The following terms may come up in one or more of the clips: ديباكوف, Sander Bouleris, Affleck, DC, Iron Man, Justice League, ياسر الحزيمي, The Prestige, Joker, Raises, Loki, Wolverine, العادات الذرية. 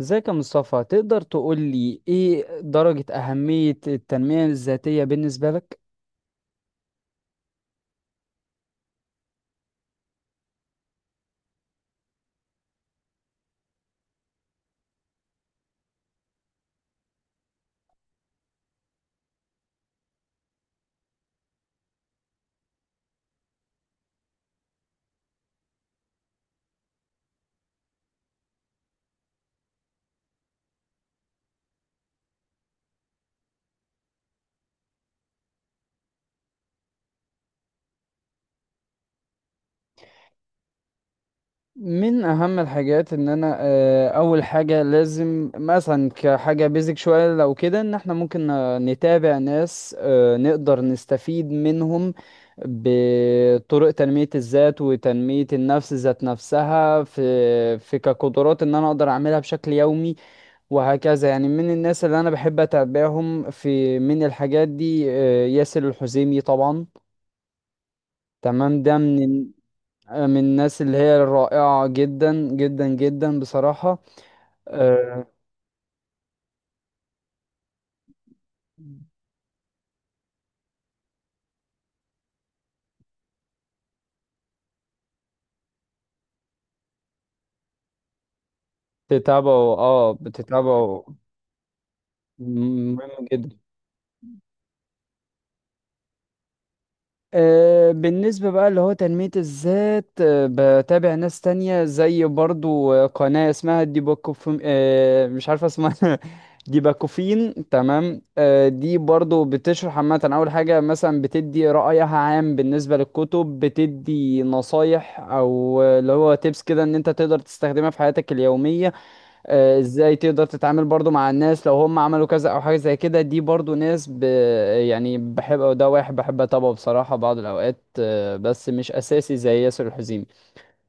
ازيك يا مصطفى؟ تقدر تقول لي ايه درجة أهمية التنمية الذاتية بالنسبة لك؟ من أهم الحاجات إن أنا أول حاجة لازم مثلا كحاجة بيزك شوية لو كده إن إحنا ممكن نتابع ناس نقدر نستفيد منهم بطرق تنمية الذات وتنمية النفس ذات نفسها في كقدرات إن أنا أقدر أعملها بشكل يومي. وهكذا يعني من الناس اللي انا بحب اتابعهم في من الحاجات دي ياسر الحزيمي طبعا. تمام، ده من من الناس اللي هي الرائعة جدا جدا جدا بصراحة. آه، بتتابعه؟ اه بتتابعه، مهم جدا. بالنسبة بقى اللي هو تنمية الذات، بتابع ناس تانية زي برضو قناة اسمها ديباكوف، مش عارف اسمها ديباكوفين، تمام. دي برضو بتشرح عامة، أول حاجة مثلا بتدي رأيها عام بالنسبة للكتب، بتدي نصايح أو اللي هو تيبس كده إن أنت تقدر تستخدمها في حياتك اليومية. ازاي تقدر تتعامل برضو مع الناس لو هم عملوا كذا او حاجة زي كده، دي برضو ناس يعني بحب ده، واحد بحب اتابعه بصراحة بعض الاوقات، بس مش اساسي زي ياسر الحزيمي.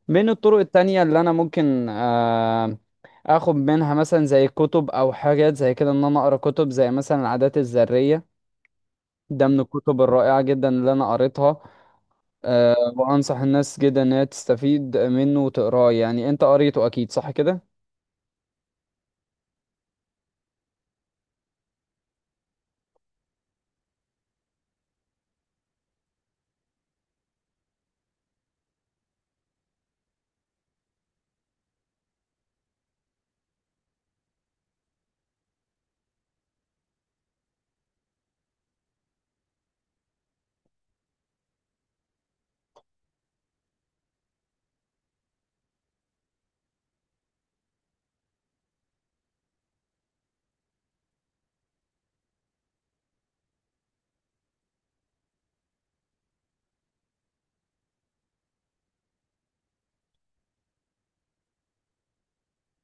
من الطرق التانية اللي انا ممكن اخد منها مثلا زي كتب او حاجات زي كده، ان انا اقرا كتب زي مثلا العادات الذرية. ده من الكتب الرائعة جدا اللي انا قريتها. أه، وانصح الناس جدا ان هي تستفيد منه وتقراه. يعني انت قريته اكيد، صح كده؟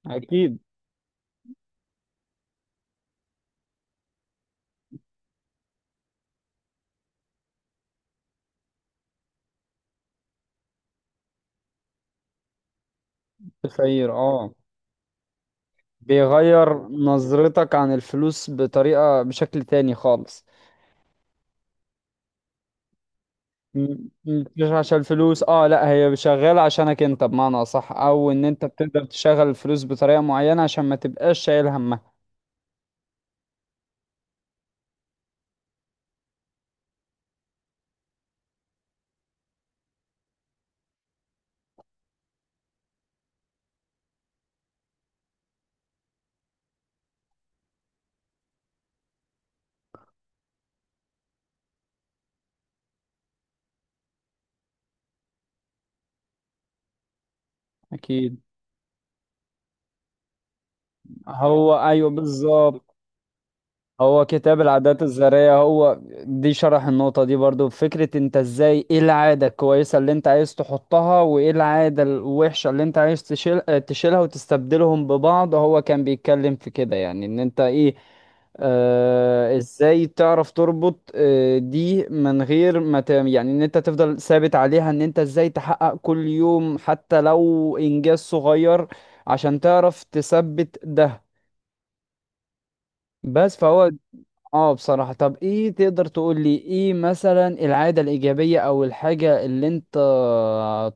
اكيد تخير، اه. بيغير نظرتك عن الفلوس بطريقة، بشكل تاني خالص. مش عشان الفلوس، اه لا، هي شغالة عشانك انت، بمعنى اصح، او ان انت بتقدر تشغل الفلوس بطريقة معينة عشان ما تبقاش شايل همها. اكيد. هو ايوه بالظبط. هو كتاب العادات الذرية هو دي، شرح النقطة دي برضو، فكرة انت ازاي، ايه العادة الكويسة اللي انت عايز تحطها وايه العادة الوحشة اللي انت عايز تشيلها وتستبدلهم ببعض. هو كان بيتكلم في كده يعني، ان انت ايه، آه، ازاي تعرف تربط آه دي من غير ما يعني، ان انت تفضل ثابت عليها، ان انت ازاي تحقق كل يوم حتى لو انجاز صغير عشان تعرف تثبت ده. بس فهو، اه، بصراحة. طب ايه تقدر تقول لي ايه مثلا العادة الإيجابية او الحاجة اللي انت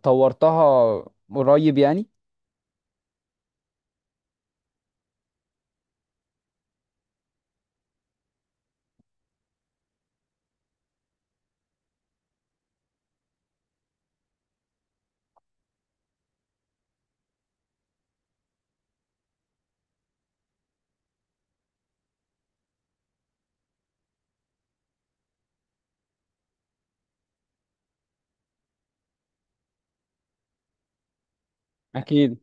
طورتها قريب يعني؟ أكيد.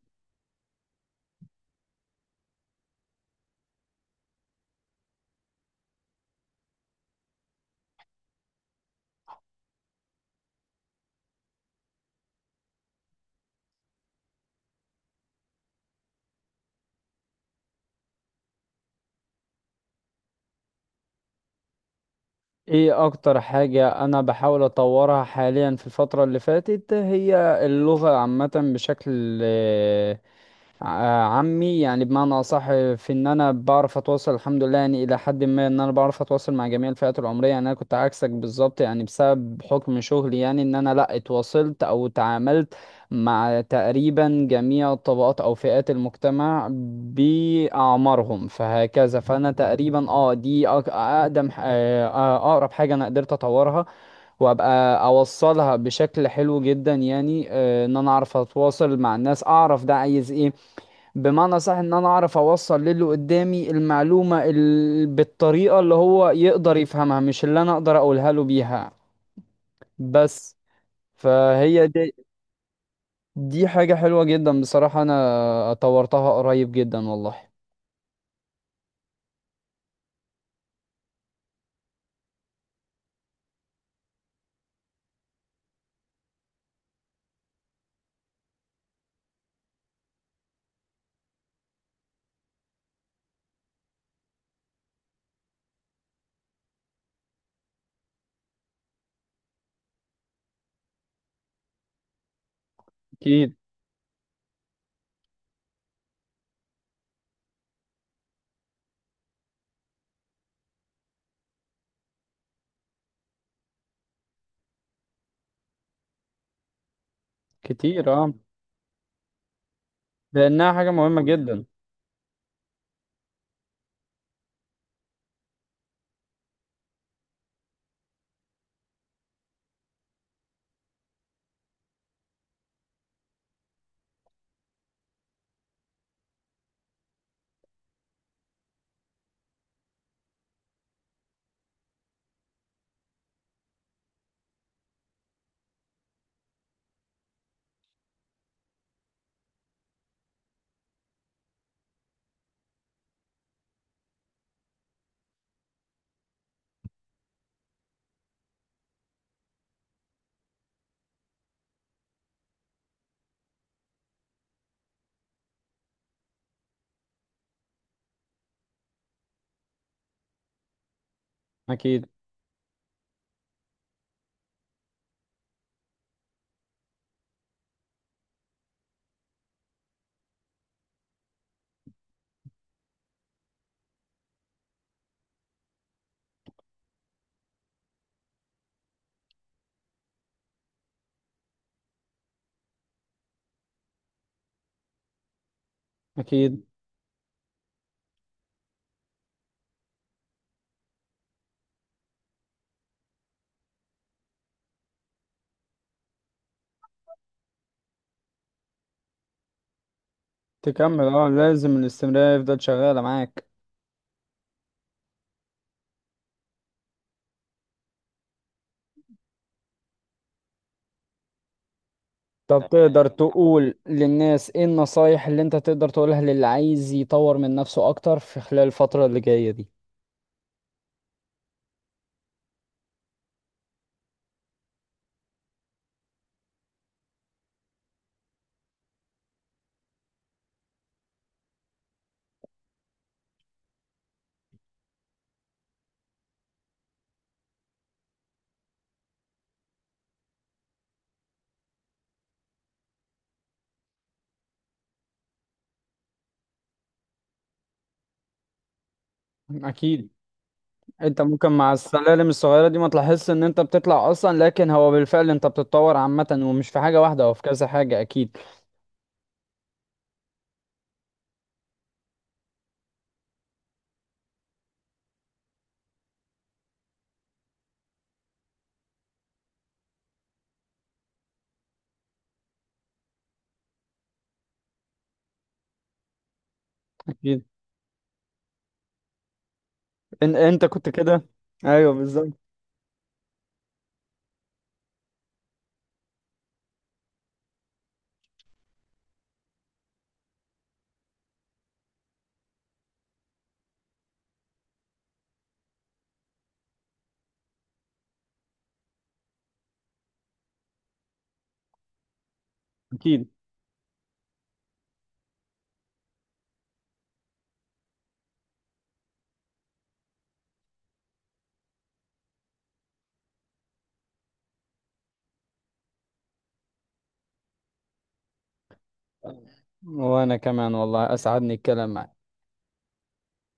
ايه اكتر حاجة انا بحاول اطورها حاليا في الفترة اللي فاتت، هي اللغة عامة بشكل، ع- عمي يعني بمعنى أصح، في إن أنا بعرف أتواصل الحمد لله، يعني إلى حد ما إن أنا بعرف أتواصل مع جميع الفئات العمرية. يعني أنا كنت عكسك بالظبط، يعني بسبب حكم شغلي يعني، إن أنا لأ اتواصلت أو تعاملت مع تقريبا جميع الطبقات أو فئات المجتمع بأعمارهم، فهكذا. فأنا تقريبا أه دي أق- أقدم ح- آه، آه، أقرب حاجة أنا قدرت أطورها وابقى اوصلها بشكل حلو جدا يعني. ان انا اعرف اتواصل مع الناس، اعرف ده عايز ايه، بمعنى صح، ان انا اعرف اوصل للي قدامي المعلومة بالطريقة اللي هو يقدر يفهمها، مش اللي انا اقدر اقولها له بيها بس. فهي دي، دي حاجة حلوة جدا بصراحة، انا طورتها قريب جدا والله. اكيد. كتير اه، لانها حاجه مهمه جدا. اكيد. اكيد، تكمل، اه لازم الاستمراريه يفضل شغاله معاك. طب تقدر تقول للناس ايه النصايح اللي انت تقدر تقولها للي عايز يطور من نفسه اكتر في خلال الفترة اللي جاية دي؟ اكيد. انت ممكن مع السلالم الصغيره دي ما تلاحظش ان انت بتطلع اصلا، لكن هو بالفعل انت بتتطور عامه، ومش في حاجه واحده، هو في كذا حاجه اكيد. اكيد. ان انت كنت كده، ايوه بالظبط. اكيد. وانا كمان والله اسعدني الكلام معاك.